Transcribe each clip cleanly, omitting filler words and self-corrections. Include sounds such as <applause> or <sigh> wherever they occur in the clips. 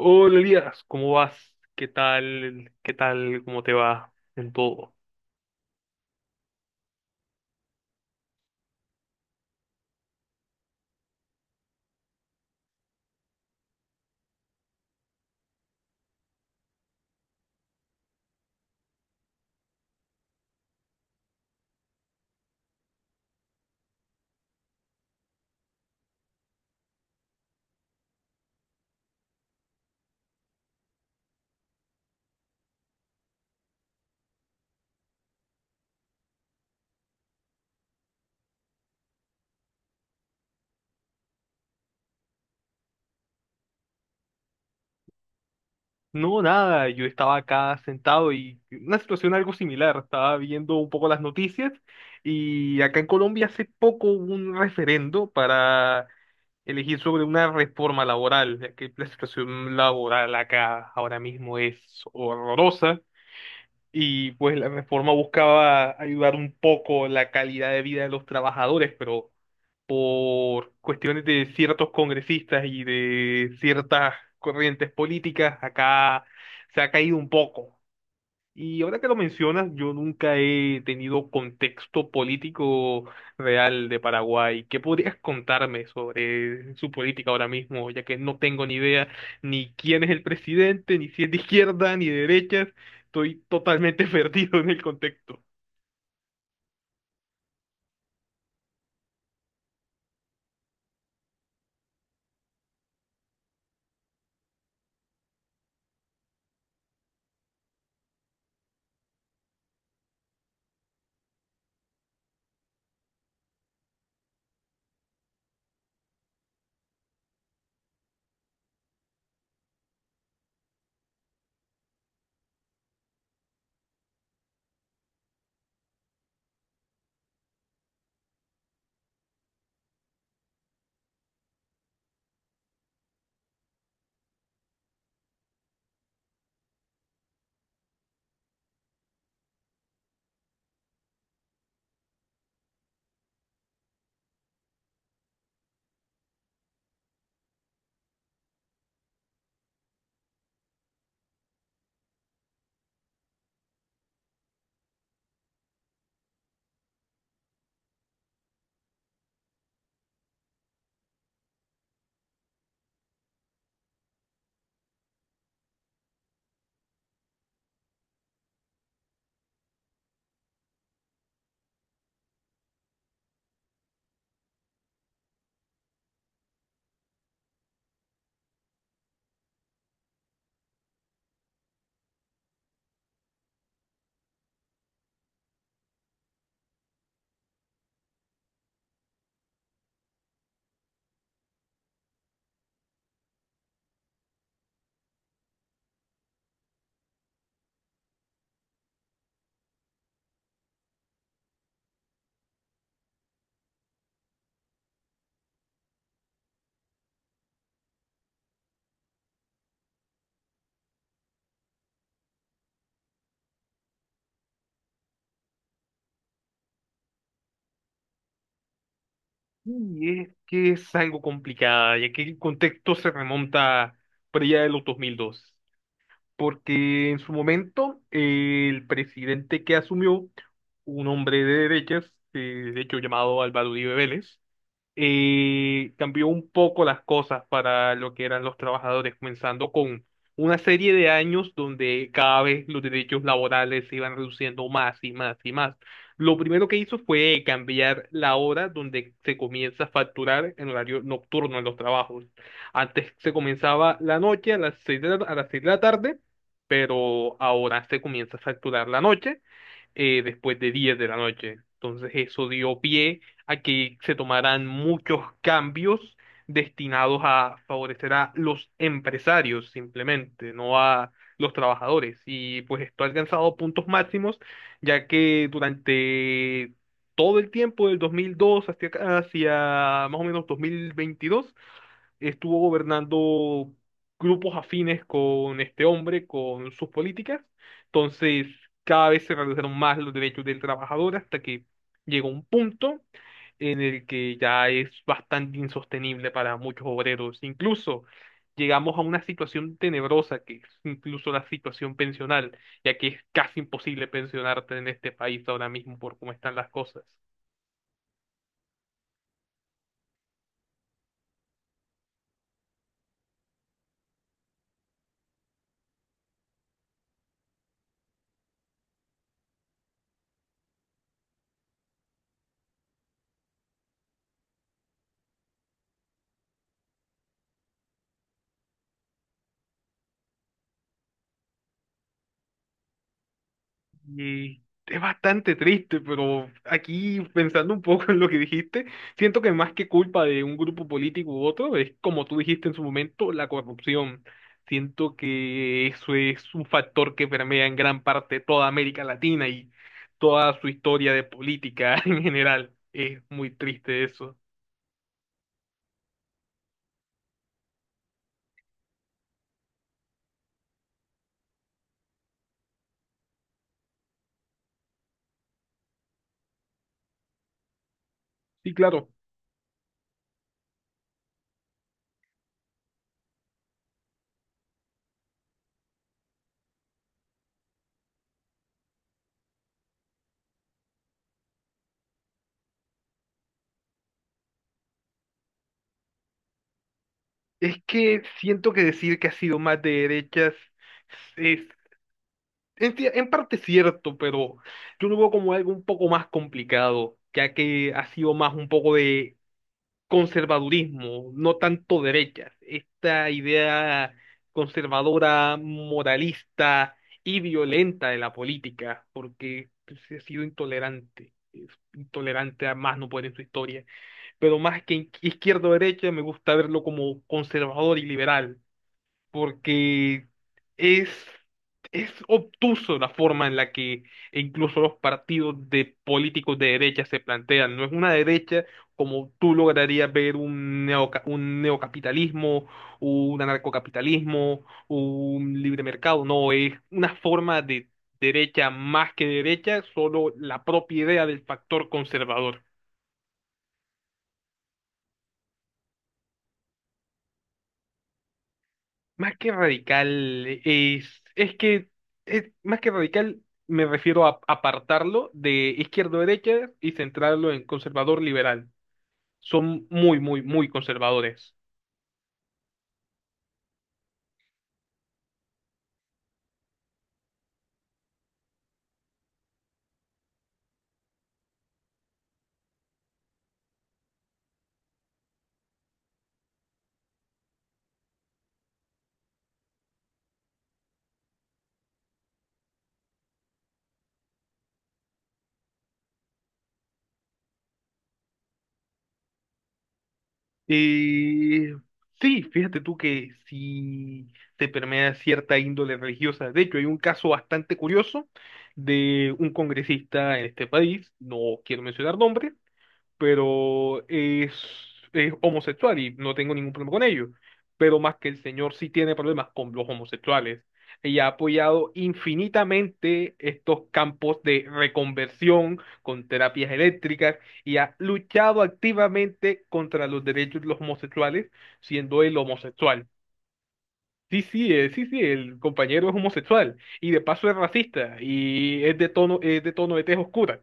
Hola Elías, ¿cómo vas? ¿Qué tal? ¿Qué tal? ¿Cómo te va en todo? No, nada, yo estaba acá sentado y una situación algo similar. Estaba viendo un poco las noticias y acá en Colombia hace poco hubo un referendo para elegir sobre una reforma laboral, ya que la situación laboral acá ahora mismo es horrorosa y pues la reforma buscaba ayudar un poco la calidad de vida de los trabajadores, pero por cuestiones de ciertos congresistas y de ciertas corrientes políticas, acá se ha caído un poco. Y ahora que lo mencionas, yo nunca he tenido contexto político real de Paraguay. ¿Qué podrías contarme sobre su política ahora mismo? Ya que no tengo ni idea ni quién es el presidente, ni si es de izquierda, ni de derecha. Estoy totalmente <laughs> perdido en el contexto. Y es que es algo complicada, ya que el contexto se remonta para allá de los 2002, porque en su momento el presidente que asumió, un hombre de derechas, de hecho llamado Álvaro Uribe Vélez, cambió un poco las cosas para lo que eran los trabajadores, comenzando con una serie de años donde cada vez los derechos laborales se iban reduciendo más y más y más. Lo primero que hizo fue cambiar la hora donde se comienza a facturar en horario nocturno en los trabajos. Antes se comenzaba la noche a las seis de la- a las seis de la tarde, pero ahora se comienza a facturar la noche después de 10 de la noche. Entonces eso dio pie a que se tomaran muchos cambios destinados a favorecer a los empresarios simplemente, no a los trabajadores. Y pues esto ha alcanzado puntos máximos, ya que durante todo el tiempo del 2002 hasta acá- hacia más o menos 2022, estuvo gobernando grupos afines con este hombre, con sus políticas. Entonces, cada vez se redujeron más los derechos del trabajador hasta que llegó un punto en el que ya es bastante insostenible para muchos obreros. Incluso llegamos a una situación tenebrosa que es incluso la situación pensional, ya que es casi imposible pensionarte en este país ahora mismo por cómo están las cosas. Y es bastante triste, pero aquí pensando un poco en lo que dijiste, siento que más que culpa de un grupo político u otro, es como tú dijiste en su momento, la corrupción. Siento que eso es un factor que permea en gran parte toda América Latina y toda su historia de política <laughs> en general. Es muy triste eso. Sí, claro. Es que siento que decir que ha sido más de derechas en, cier- en parte cierto, pero yo lo veo como algo un poco más complicado, ya que ha sido más un poco de conservadurismo, no tanto derechas. Esta idea conservadora, moralista y violenta de la política, porque se ha sido intolerante, es intolerante a más no poder en su historia. Pero más que izquierda o derecha, me gusta verlo como conservador y liberal porque es, es obtuso la forma en la que incluso los partidos de políticos de derecha se plantean. No es una derecha como tú lograrías ver un neoca- un neocapitalismo, un anarcocapitalismo, un libre mercado. No, es una forma de derecha más que derecha, solo la propia idea del factor conservador. Más que radical, más que radical, me refiero a apartarlo de izquierdo-derecha y centrarlo en conservador-liberal. Son muy, muy, muy conservadores. Y sí, fíjate tú que sí se permea cierta índole religiosa. De hecho, hay un caso bastante curioso de un congresista en este país, no quiero mencionar nombres, pero es, es homosexual y no tengo ningún problema con ello. Pero más que el señor sí tiene problemas con los homosexuales y ha apoyado infinitamente estos campos de reconversión con terapias eléctricas y ha luchado activamente contra los derechos de los homosexuales, siendo él homosexual. Sí, sí, sí, sí, el compañero es homosexual y de paso es racista y es de tono de tez oscura.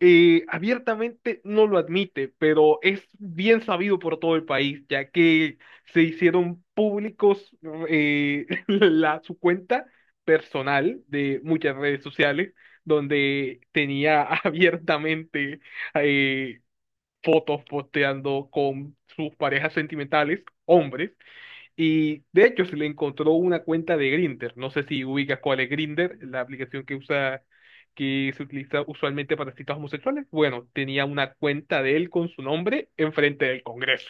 Abiertamente no lo admite, pero es bien sabido por todo el país, ya que se hicieron públicos <laughs> su cuenta personal de muchas redes sociales, donde tenía <laughs> abiertamente eh, fotos posteando con sus parejas sentimentales, hombres, y de hecho se le encontró una cuenta de Grindr. No sé si ubicas cuál es Grindr, la aplicación que usa, que se utiliza usualmente para citas homosexuales. Bueno, tenía una cuenta de él con su nombre enfrente del Congreso.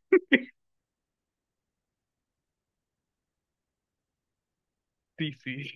<laughs> Sí, sí.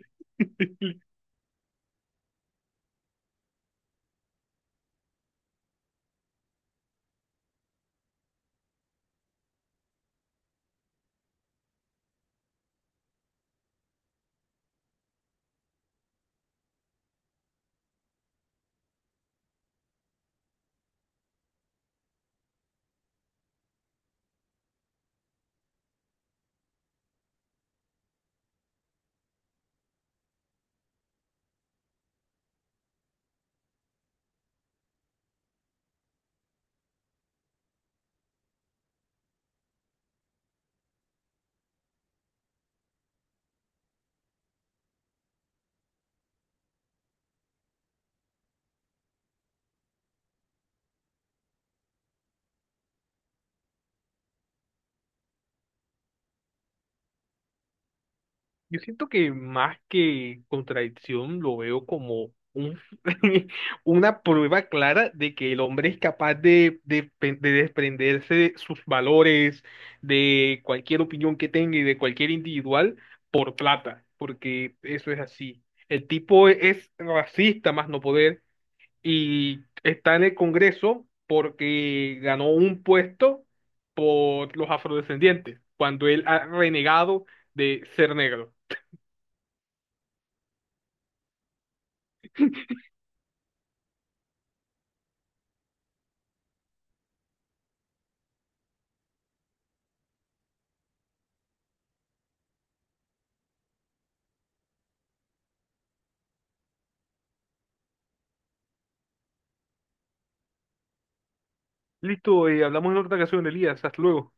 Yo siento que más que contradicción lo veo como <laughs> una prueba clara de que el hombre es capaz de desprenderse de sus valores, de cualquier opinión que tenga y de cualquier individual por plata, porque eso es así. El tipo es racista más no poder y está en el Congreso porque ganó un puesto por los afrodescendientes, cuando él ha renegado de ser negro. Listo, hablamos en otra ocasión, Elías. Hasta luego.